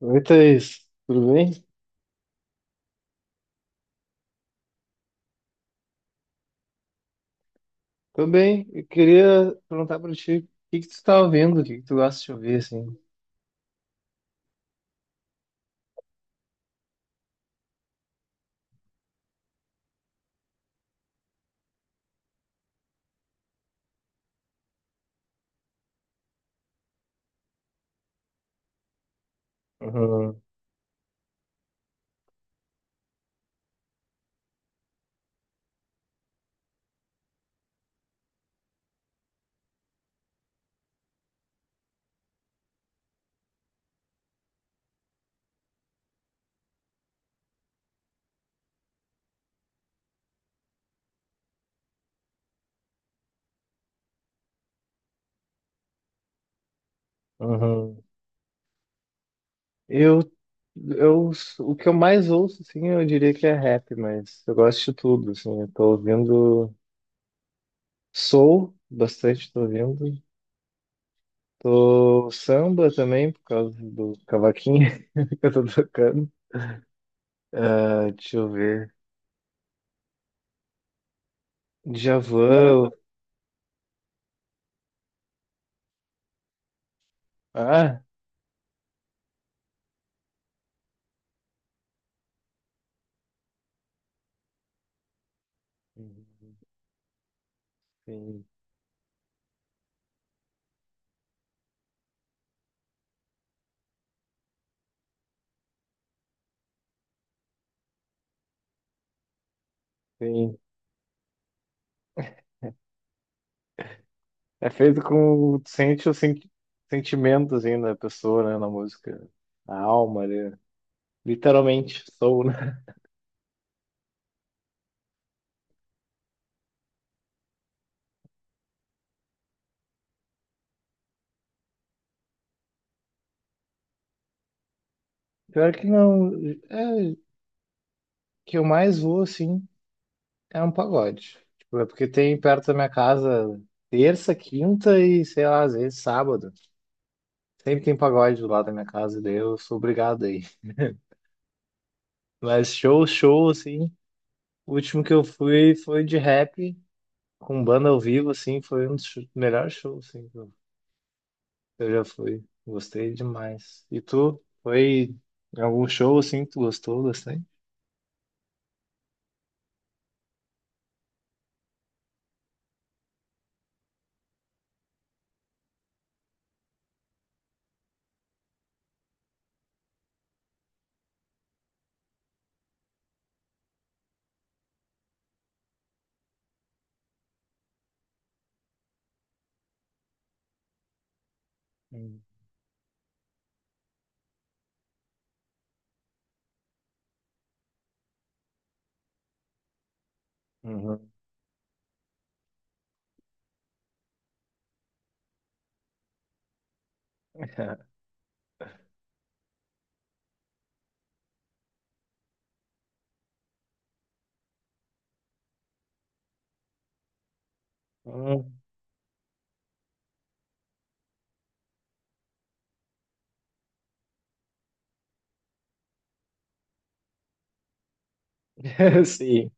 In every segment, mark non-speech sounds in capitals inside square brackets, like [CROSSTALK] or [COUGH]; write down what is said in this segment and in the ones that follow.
Oi, Thaís, tudo bem? Tô bem. Eu queria perguntar pra ti, o que que tu tá ouvindo? O que que tu gosta de ouvir, assim? Uhum, uhum. Eu, eu, o que eu mais ouço, assim, eu diria que é rap, mas eu gosto de tudo, assim. Eu tô ouvindo soul, bastante tô ouvindo. Tô samba também, por causa do cavaquinho [LAUGHS] que eu tô tocando. Ah, deixa eu ver. Djavan, ah, tem, tem. É feito com. Sente o sentimento, assim, da pessoa, né? Na música. A alma ali. Literalmente, sou, né? [LAUGHS] Pior que não. É, que eu mais vou, assim, é um pagode. Tipo, é porque tem perto da minha casa terça, quinta e, sei lá, às vezes sábado. Sempre tem pagode do lado da minha casa, daí eu sou obrigado aí. Mas show, show, assim. O último que eu fui foi de rap, com banda ao vivo, assim. Foi um dos melhores shows, assim. Eu já fui. Gostei demais. E tu? Foi em algum show assim que tu gostou bastante? Hum. Uhum. [LAUGHS] Hum. [LAUGHS] Sim.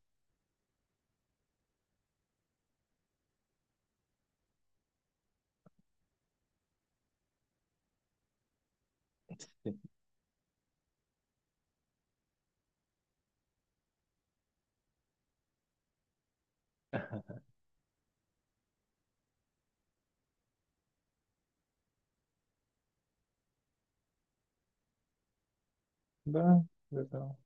Bah, legal.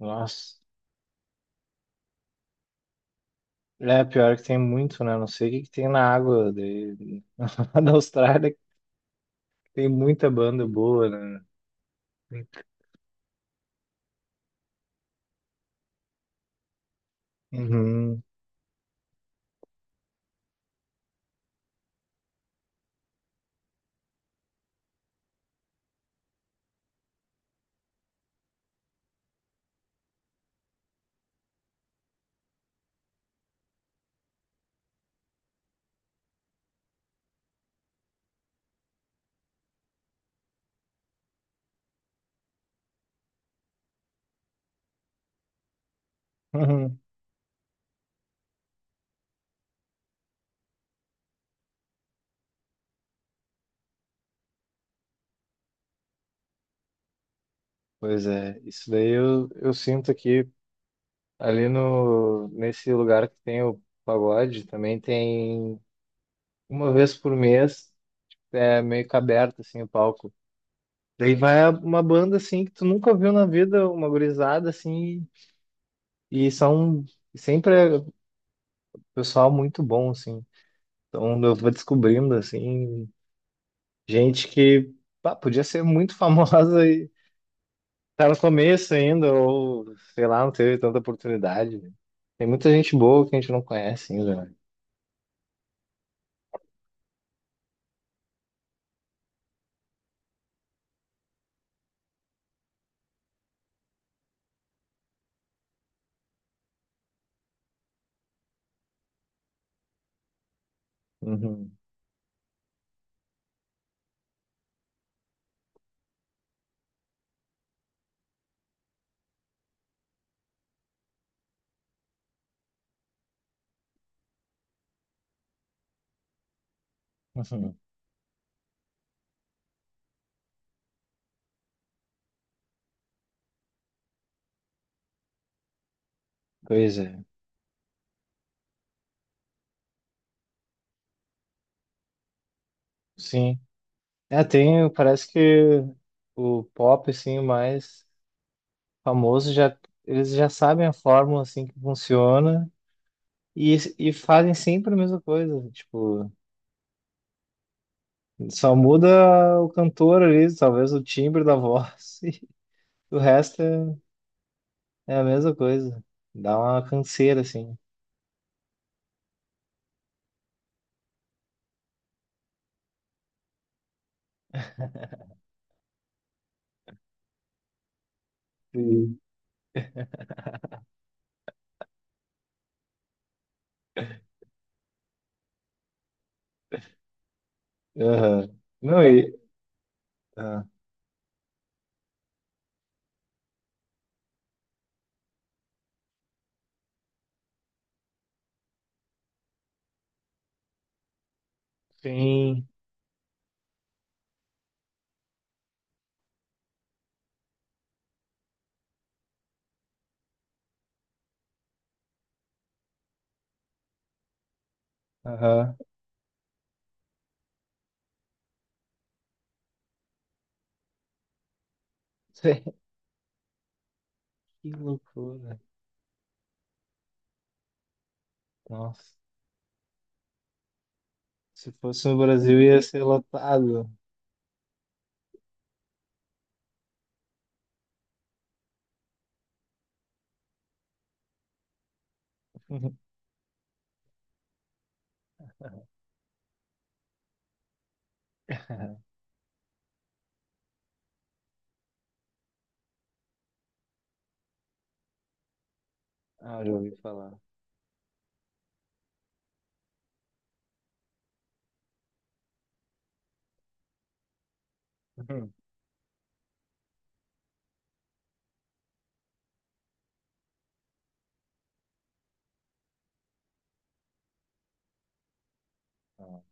Nossa. É, pior que tem muito, né? Não sei o que que tem na água de... [LAUGHS] da Austrália, que tem muita banda boa, né? Uhum. Uhum. Pois é, isso daí eu sinto que ali no, nesse lugar que tem o pagode, também tem uma vez por mês é meio que aberto, assim, o palco. Daí vai uma banda, assim, que tu nunca viu na vida, uma gurizada, assim, e são sempre é pessoal muito bom, assim. Então eu vou descobrindo, assim, gente que, pá, podia ser muito [LAUGHS] famosa e tá no começo ainda, ou, sei lá, não teve tanta oportunidade. Tem muita gente boa que a gente não conhece ainda, né? Uhum, uhum. Pois é, sim. É, tem, parece que o pop, assim, mais famoso, já, eles já sabem a fórmula assim que funciona e fazem sempre a mesma coisa. Tipo, só muda o cantor ali, talvez o timbre da voz, [LAUGHS] e o resto é, é a mesma coisa. Dá uma canseira, assim. E- aham. Não, e. Ah, sim. Aham. [LAUGHS] Que loucura. Nossa. Se fosse no Brasil, ia ser lotado. [LAUGHS] Ah, já ouvi falar. Uhum. Ah,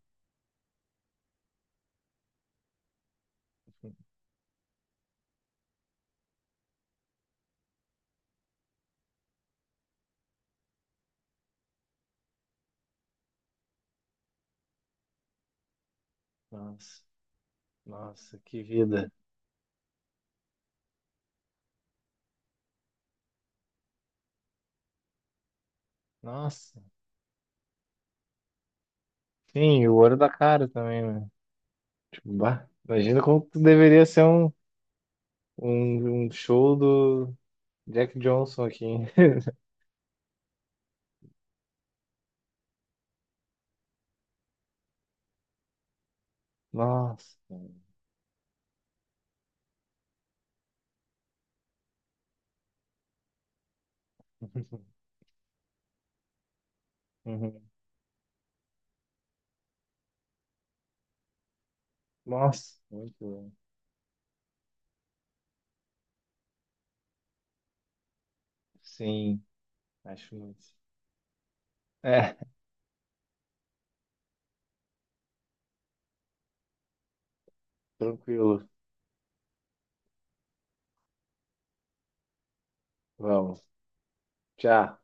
[LAUGHS] nossa, nossa, que vida. Nossa, sim, e o ouro da cara também, né? Tipo, bah, imagina como que deveria ser um show do Jack Johnson aqui, hein? [LAUGHS] Nossa, uhum. Nossa, muito bom. Sim, acho muito. É, tranquilo. Vamos. Tchau.